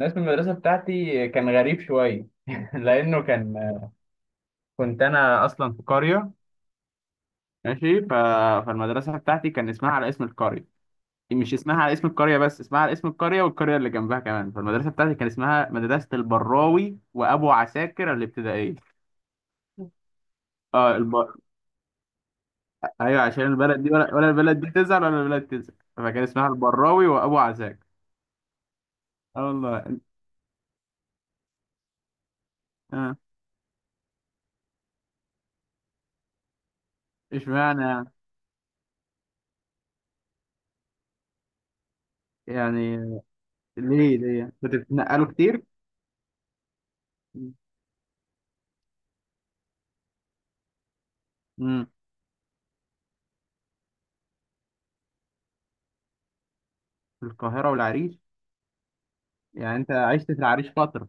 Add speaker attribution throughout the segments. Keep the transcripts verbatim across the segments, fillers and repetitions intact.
Speaker 1: الناس في المدرسة بتاعتي كان غريب شوية لأنه كان كنت أنا أصلا في قرية ماشي ف... فالمدرسة بتاعتي كان اسمها على اسم القرية. مش اسمها على اسم القرية بس اسمها على اسم القرية والقرية اللي جنبها كمان. فالمدرسة بتاعتي كان اسمها مدرسة البراوي وأبو عساكر الابتدائية. اه الب... أيوه، عشان البلد دي ولا, ولا البلد دي تزعل ولا البلد تزعل، فكان اسمها البراوي وأبو عساكر. اه والله. اه. اشمعنى؟ يعني يعني. ليه ليه كنت بتنقلوا كتير؟ امم. في القاهرة والعريش. يعني انت عشت في العريش فترة؟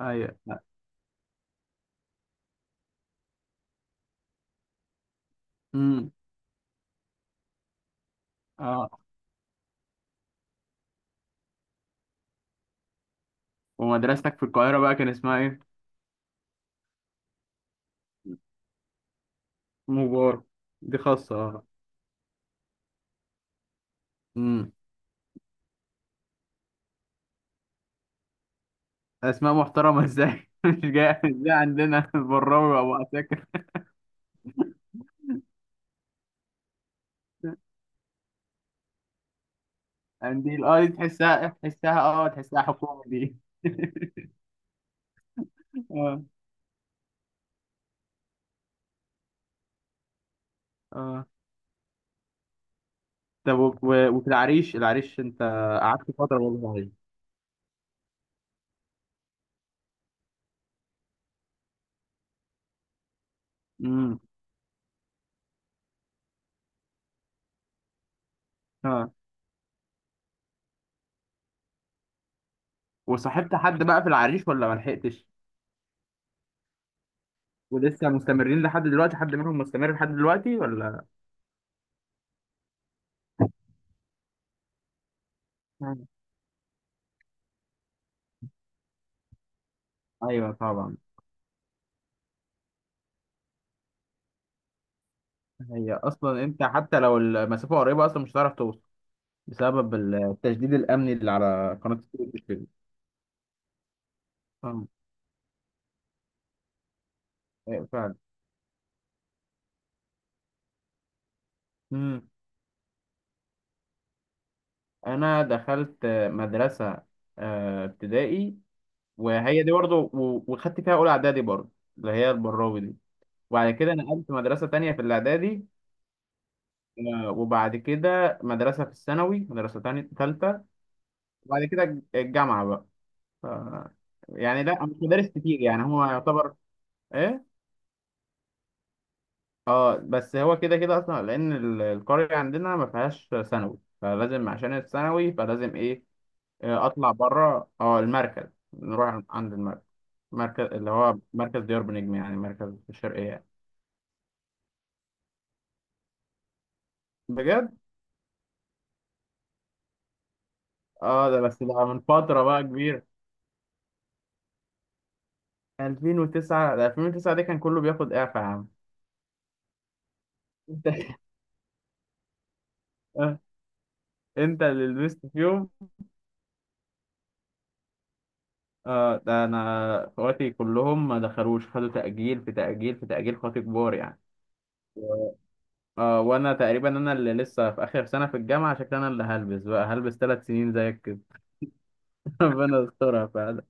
Speaker 1: ايوه. امم. اه. ومدرستك في القاهرة بقى كان اسمها ايه؟ مبارك. دي خاصة، اه. امم. اسماء محترمة ازاي؟ مش جاي مش جاي عندنا البراوي وابو عساكر. قنديل، اه. دي تحسها تحسها اه تحسها حكومة دي. اه اه. طب و- و- وفي العريش، العريش انت قعدت فترة برضه في العريش. امم. اه. وصاحبت حد بقى في العريش ولا ما لحقتش؟ ولسه مستمرين لحد دلوقتي، حد منهم مستمر لحد دلوقتي ولا؟ ايوه طبعا. هي اصلا انت حتى لو المسافه قريبه اصلا مش هتعرف توصل بسبب التشديد الامني اللي على قناه السويس كده. آه، أيوة فعلا. امم. انا دخلت مدرسه آه، ابتدائي. وهي دي برضه و- وخدت فيها اولى اعدادي برضه، اللي هي البراوي دي. وبعد كده نقلت مدرسه تانية في الاعدادي. آه، وبعد كده مدرسه في الثانوي، مدرسه تانية ثالثه. وبعد كده الج- الجامعه بقى. ف... يعني لا، مش مدارس كتير، يعني هو يعتبر ايه. اه بس هو كده كده اصلا، لان ال- القريه عندنا ما فيهاش ثانوي، فلازم عشان الثانوي فلازم ايه. آه، اطلع بره. اه المركز، نروح عند المركز، مركز اللي هو مركز ديار بنجم، يعني مركز في الشرقيه يعني. بجد؟ اه ده بس ده من فتره بقى كبير. ألفين وتسعة؟ ده ألفين وتسعة دي كان كله بياخد اعفاء يا عم. انت آه، انت اللي لبست فيهم. اه ده انا اخواتي كلهم ما دخلوش، خدوا تأجيل في تأجيل في تأجيل، خاطي كبار يعني. اه وانا تقريبا انا اللي لسه في اخر سنه في الجامعه، عشان كده انا اللي هلبس بقى، هلبس ثلاث سنين زيك كده. ربنا يسترها فعلا.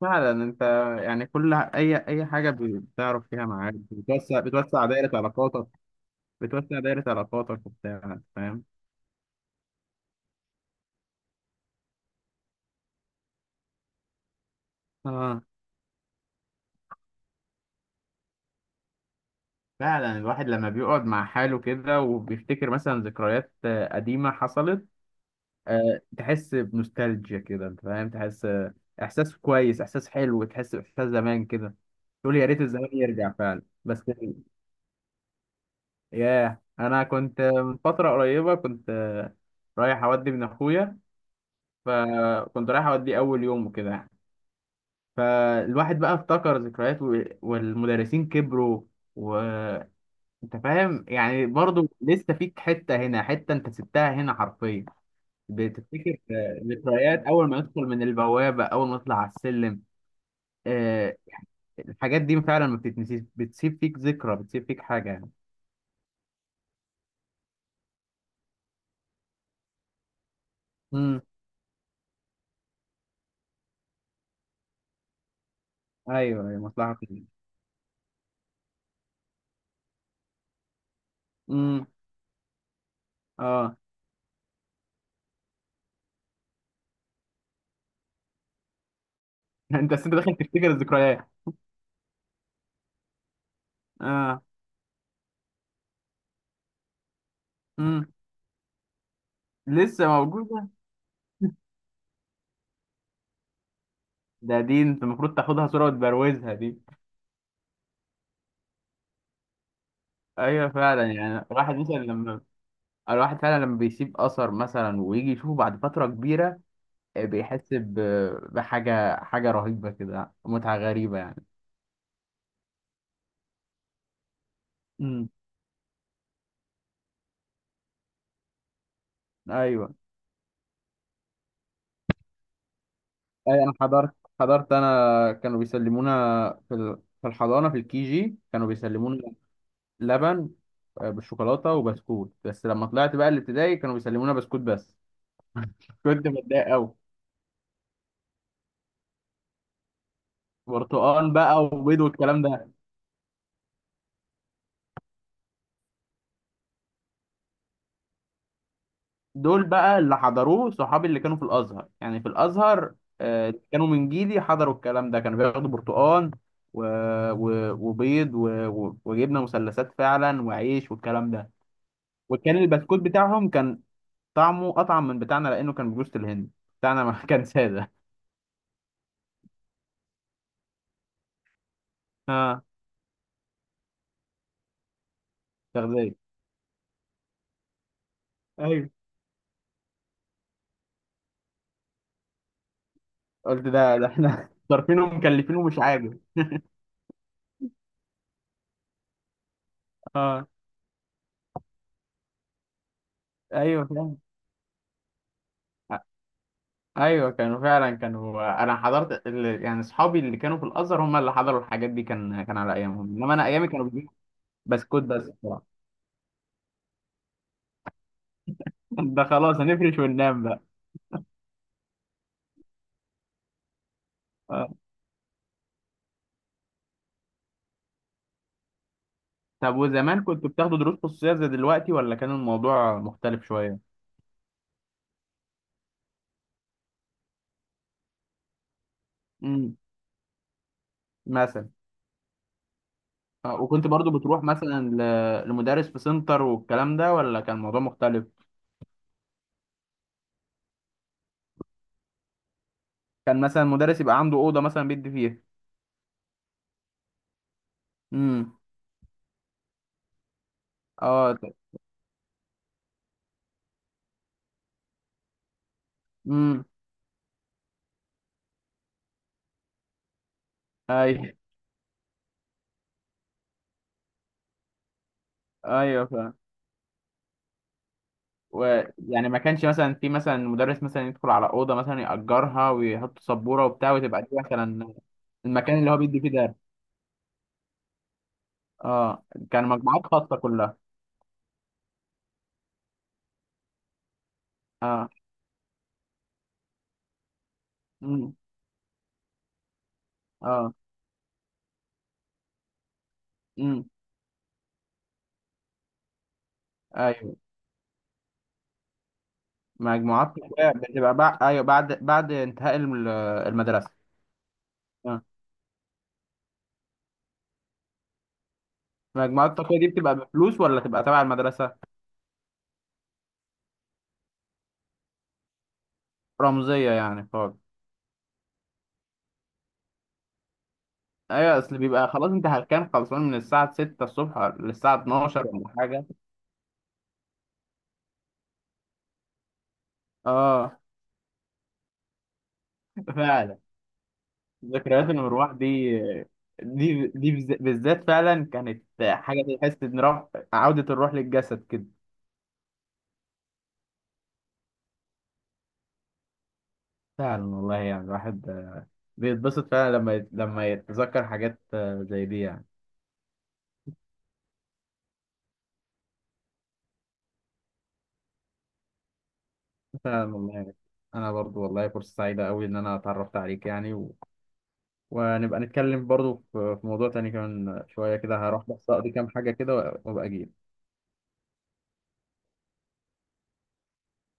Speaker 1: فعلا انت. يعني كل ح- اي اي حاجه بي- بتعرف فيها معاك بتوسع بتوسع دايره علاقاتك. بتوسع دايره علاقاتك وبتاع، فاهم. اه. فعلا الواحد لما بيقعد مع حاله كده وبيفتكر مثلا ذكريات آه، قديمه حصلت، آه، تحس بنوستالجيا كده، انت فاهم، تحس آه، احساس كويس، احساس حلو، تحس باحساس زمان كده. تقول يا ريت الزمان يرجع فعلا. بس ياه، انا كنت من فتره قريبه كنت آه، رايح اودي من اخويا. فكنت رايح اودي اول يوم وكده يعني. فالواحد بقى افتكر ذكريات و- والمدرسين كبروا. وانت فاهم يعني، برضو لسه فيك حته هنا حته، انت سبتها هنا حرفيا. بتفتكر آه، ذكريات، اول ما ندخل من البوابه، اول ما نطلع على السلم. آه، الحاجات دي فعلا ما بتتنسيش، بتسيب فيك ذكرى، بتسيب فيك حاجه يعني. امم. ايوه ايوه، مصلحه فيه. امم. اه. انت أصل انت داخل تفتكر الذكريات. اه. امم. لسه موجوده. ده دي انت المفروض تاخدها صوره وتبروزها دي. ايوه فعلا. يعني الواحد مثلا لما، الواحد فعلا لما بيسيب اثر مثلا ويجي يشوفه بعد فتره كبيره، آه، بيحس ب- بحاجه حاجه رهيبه كده، متعه غريبه يعني. مم. ايوه. أي انا حضرت حضرت انا كانوا بيسلمونا في ال- في الحضانه، في الكي جي كانوا بيسلمونا لبن آه، بالشوكولاته وبسكوت. بس لما طلعت بقى الابتدائي كانوا بيسلمونا بسكوت بس. كنت متضايق قوي. برتقال بقى وبيض والكلام ده؟ دول بقى اللي حضروه صحابي اللي كانوا في الازهر، يعني في الازهر. آه، كانوا من جيلي حضروا الكلام ده، كانوا بياخدوا برتقال و... و... وبيض و... و- وجبنه مثلثات فعلا وعيش والكلام ده. وكان البسكوت بتاعهم كان طعمه اطعم من بتاعنا لانه كان بجوز الهند. بتاعنا ما كان ساده. اه تغذيه، ايوه. قلت ده ده احنا صارفين ومكلفين ومش عاجب. اه. ايوه فاهم. ايوه كانوا فعلا، كانوا انا حضرت ال... يعني اصحابي اللي كانوا في الازهر هم اللي حضروا الحاجات دي، كان كان على ايامهم، انما انا ايامي كانوا بيجيبوا بسكوت بس بصراحه. ده خلاص هنفرش وننام بقى. آه. طب وزمان كنتوا بتاخدوا دروس خصوصيه زي دلوقتي ولا كان الموضوع مختلف شويه؟ امم، مثلا. آه، وكنت برضو بتروح مثلا ل- لمدرس في سنتر والكلام ده، ولا كان الموضوع مختلف؟ كان مثلا مدرس يبقى عنده أوضة مثلا بيدي فيها؟ امم. اه. ت- امم. اي. ايوه فاهم. ويعني ما كانش مثلا في مثلا مدرس مثلا يدخل على أوضة مثلا يأجرها ويحط سبورة وبتاع وتبقى دي مثلا المكان اللي هو بيدي فيه درس. اه كان مجموعات خاصة كلها. اه. امم. اه. امم. ايوه، مجموعات، بتبقى بقى، ايوه بعد بعد انتهاء الم- المدرسة. المجموعات التقوية دي بتبقى بفلوس ولا تبقى تبع المدرسة؟ رمزية يعني خالص. ايوه، اصل بيبقى خلاص انت هتكون خلصان من الساعة ستة الصبح للساعة اتناشر ولا حاجة. اه فعلا. ذكريات المروح دي، دي دي بز- بالذات فعلا كانت حاجة تحس ان روح، عودة الروح للجسد كده. فعلا والله يعني الواحد بيتبسط فعلا لما يت- لما يتذكر حاجات زي دي يعني. فعلا والله. انا برضو والله فرصة سعيدة قوي ان انا اتعرفت عليك يعني. ونبقى نتكلم برضو في في موضوع تاني كمان شوية كده. هروح بس أقضي كام حاجة كده وأبقى أجي.